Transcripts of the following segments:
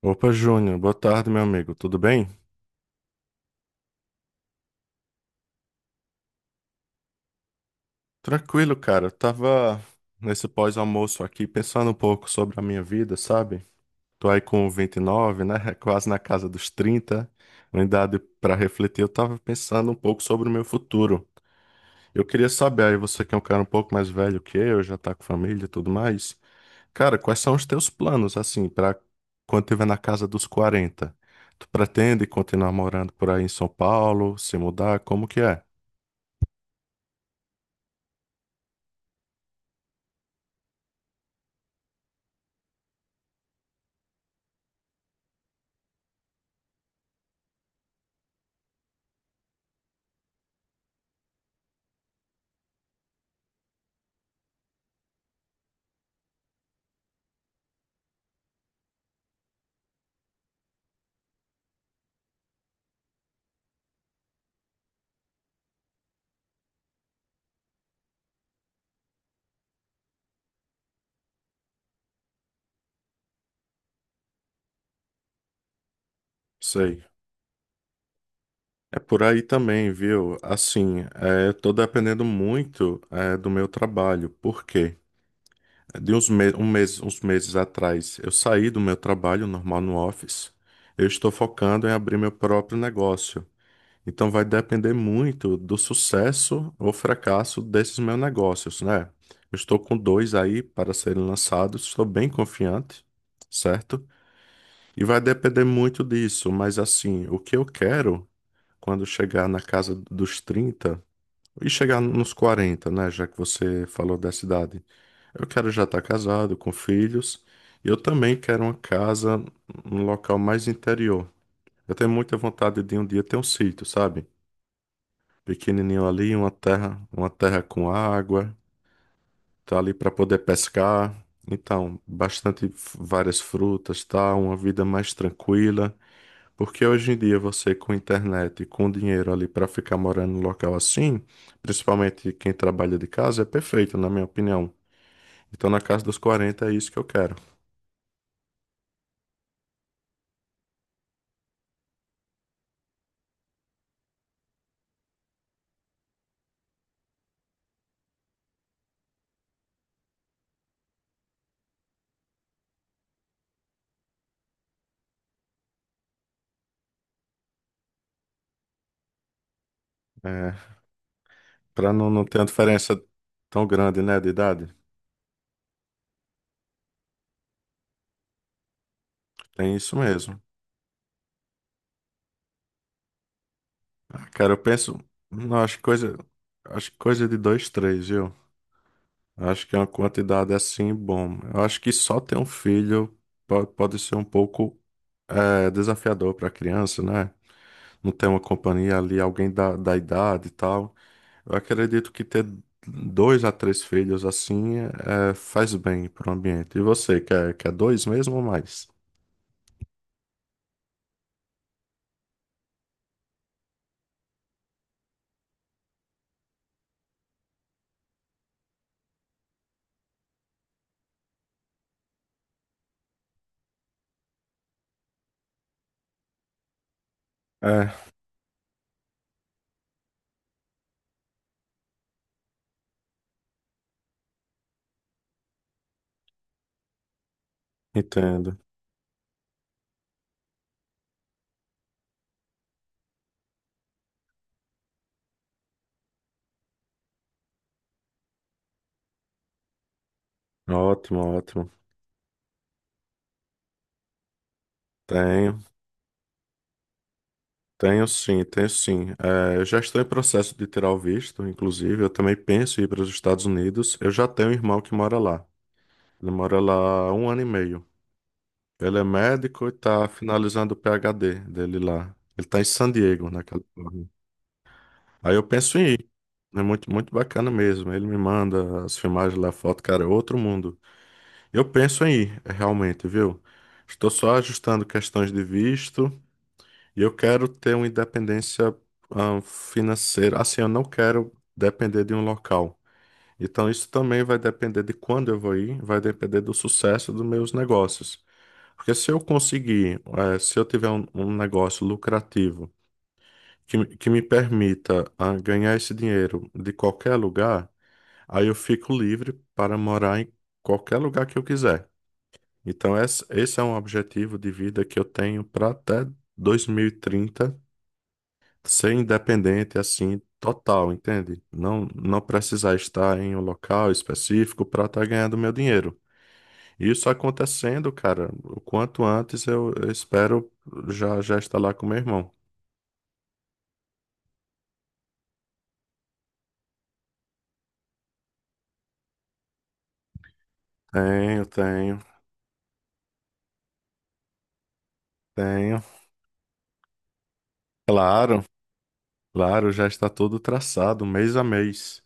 Opa, Júnior, boa tarde, meu amigo. Tudo bem? Tranquilo, cara. Eu tava nesse pós-almoço aqui pensando um pouco sobre a minha vida, sabe? Tô aí com 29, né? Quase na casa dos 30, uma idade pra refletir. Eu tava pensando um pouco sobre o meu futuro. Eu queria saber, aí você que é um cara um pouco mais velho que eu, já tá com família e tudo mais. Cara, quais são os teus planos, assim, pra quando tiver na casa dos 40? Tu pretende continuar morando por aí em São Paulo, se mudar? Como que é? Sei. É por aí também, viu? Assim, eu tô dependendo muito do meu trabalho. Por quê? É, De uns, me um mês, uns meses atrás, eu saí do meu trabalho normal no office. Eu estou focando em abrir meu próprio negócio. Então vai depender muito do sucesso ou fracasso desses meus negócios, né? Eu estou com dois aí para serem lançados, estou bem confiante, certo? E vai depender muito disso, mas assim, o que eu quero. Quando chegar na casa dos 30 e chegar nos 40, né? Já que você falou dessa idade. Eu quero já estar casado, com filhos. E eu também quero uma casa num local mais interior. Eu tenho muita vontade de um dia ter um sítio, sabe? Pequenininho ali, uma terra com água, tá ali para poder pescar. Então, várias frutas, tá? Uma vida mais tranquila. Porque hoje em dia você com internet, com dinheiro ali para ficar morando num local assim, principalmente quem trabalha de casa, é perfeito, na minha opinião. Então na casa dos 40 é isso que eu quero. É, para não, não ter uma diferença tão grande, né, de idade. Tem isso mesmo. Ah, cara, eu penso, não, acho que coisa de dois, três, viu? Acho que é uma quantidade assim, bom. Eu acho que só ter um filho pode ser um pouco desafiador para a criança, né? Não tem uma companhia ali, alguém da, da idade e tal. Eu acredito que ter dois a três filhos assim faz bem para o ambiente. E você, quer, quer dois mesmo ou mais? É, entendo. Ótimo, ótimo. Tenho, tenho sim, tenho sim. É, eu já estou em processo de tirar o visto, inclusive. Eu também penso em ir para os Estados Unidos. Eu já tenho um irmão que mora lá. Ele mora lá há 1 ano e meio. Ele é médico e está finalizando o PhD dele lá. Ele está em San Diego, na Califórnia. Aí eu penso em ir. É muito, muito bacana mesmo. Ele me manda as filmagens lá, foto, cara, é outro mundo. Eu penso em ir, é, realmente, viu? Estou só ajustando questões de visto e eu quero ter uma independência, financeira. Assim, eu não quero depender de um local. Então, isso também vai depender de quando eu vou ir, vai depender do sucesso dos meus negócios. Porque se eu conseguir, se eu tiver um negócio lucrativo, que me permita ganhar esse dinheiro de qualquer lugar, aí eu fico livre para morar em qualquer lugar que eu quiser. Então, esse é um objetivo de vida que eu tenho para até 2030 ser independente assim. Total, entende? Não, não precisar estar em um local específico para estar ganhando meu dinheiro. Isso acontecendo, cara, o quanto antes eu espero já já estar lá com meu irmão. Tenho, tenho, tenho. Claro. Claro, já está todo traçado, mês a mês.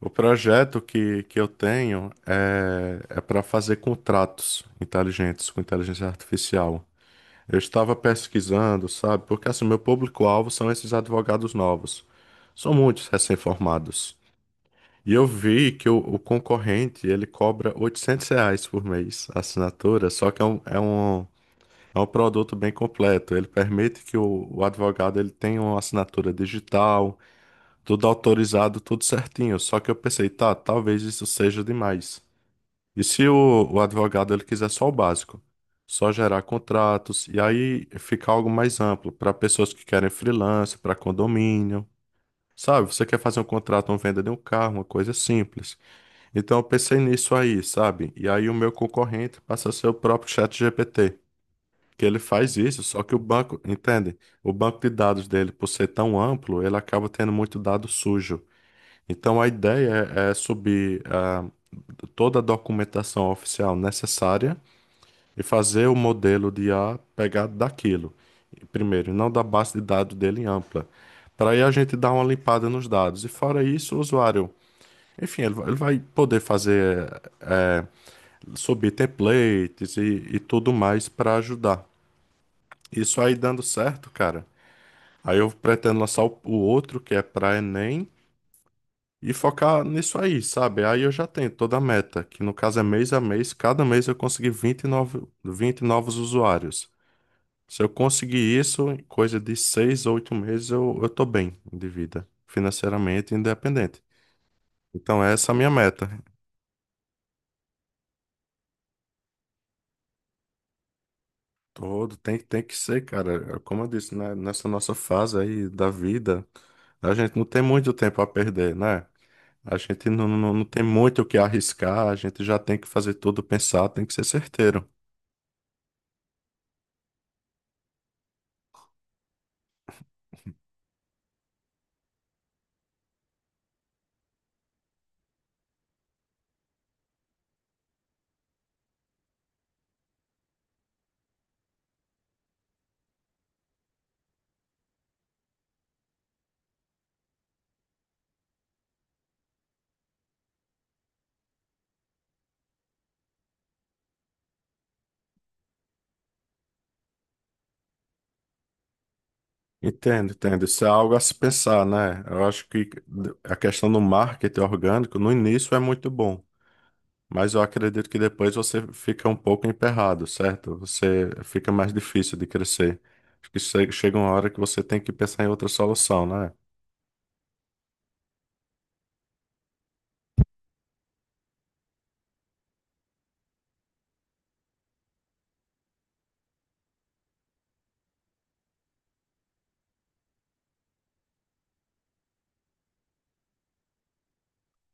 O projeto que eu tenho é para fazer contratos inteligentes com inteligência artificial. Eu estava pesquisando, sabe? Porque assim, meu público-alvo são esses advogados novos. São muitos recém-formados. E eu vi que o concorrente, ele cobra R$ 800 por mês a assinatura, só que é um produto bem completo. Ele permite que o advogado ele tenha uma assinatura digital, tudo autorizado, tudo certinho. Só que eu pensei, tá, talvez isso seja demais. E se o advogado ele quiser só o básico? Só gerar contratos e aí ficar algo mais amplo para pessoas que querem freelance, para condomínio. Sabe, você quer fazer um contrato, uma venda de um carro, uma coisa simples. Então eu pensei nisso aí, sabe? E aí o meu concorrente passa a ser o próprio ChatGPT, que ele faz isso, só que o banco, entende? O banco de dados dele, por ser tão amplo, ele acaba tendo muito dado sujo. Então a ideia é subir toda a documentação oficial necessária e fazer o modelo de IA pegado daquilo. Primeiro, não da base de dados dele em ampla. Para aí a gente dar uma limpada nos dados. E fora isso, o usuário, enfim, ele vai poder fazer, eh, subir templates e tudo mais para ajudar. Isso aí dando certo, cara. Aí eu pretendo lançar o outro, que é para Enem e focar nisso aí, sabe? Aí eu já tenho toda a meta, que no caso é mês a mês, cada mês eu consegui 20 novos usuários. Se eu conseguir isso, em coisa de 6 ou 8 meses, eu tô bem de vida, financeiramente independente. Então, essa é a minha meta. Todo Tem, tem que ser, cara. Como eu disse, né? Nessa nossa fase aí da vida, a gente não tem muito tempo a perder, né? A gente não, não, não tem muito o que arriscar, a gente já tem que fazer tudo pensar, tem que ser certeiro. Entendo, entendo. Isso é algo a se pensar, né? Eu acho que a questão do marketing orgânico no início é muito bom, mas eu acredito que depois você fica um pouco emperrado, certo? Você fica mais difícil de crescer. Acho que chega uma hora que você tem que pensar em outra solução, né?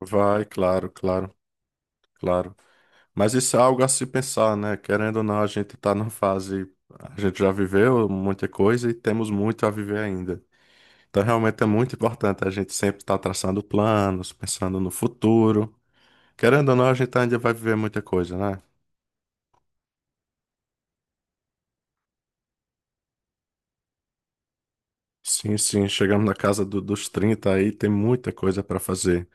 Vai, claro, claro, claro. Mas isso é algo a se pensar, né? Querendo ou não, a gente está na fase, a gente já viveu muita coisa e temos muito a viver ainda. Então, realmente é muito importante a gente sempre estar traçando planos, pensando no futuro. Querendo ou não, a gente ainda vai viver muita coisa, né? Sim, sim, chegamos na casa dos 30 aí, tem muita coisa para fazer.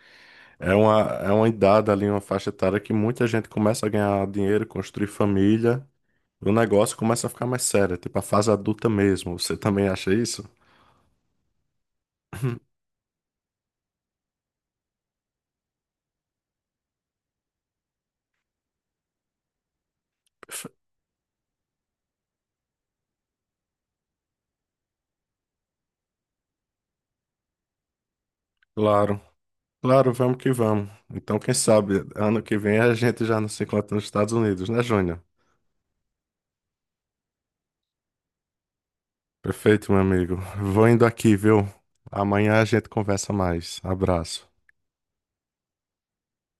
É uma idade ali, uma faixa etária que muita gente começa a ganhar dinheiro, construir família, e o negócio começa a ficar mais sério, tipo a fase adulta mesmo. Você também acha isso? Claro, claro, vamos que vamos. Então, quem sabe, ano que vem a gente já não se encontra nos Estados Unidos, né, Júnior? Perfeito, meu amigo. Vou indo aqui, viu? Amanhã a gente conversa mais. Abraço.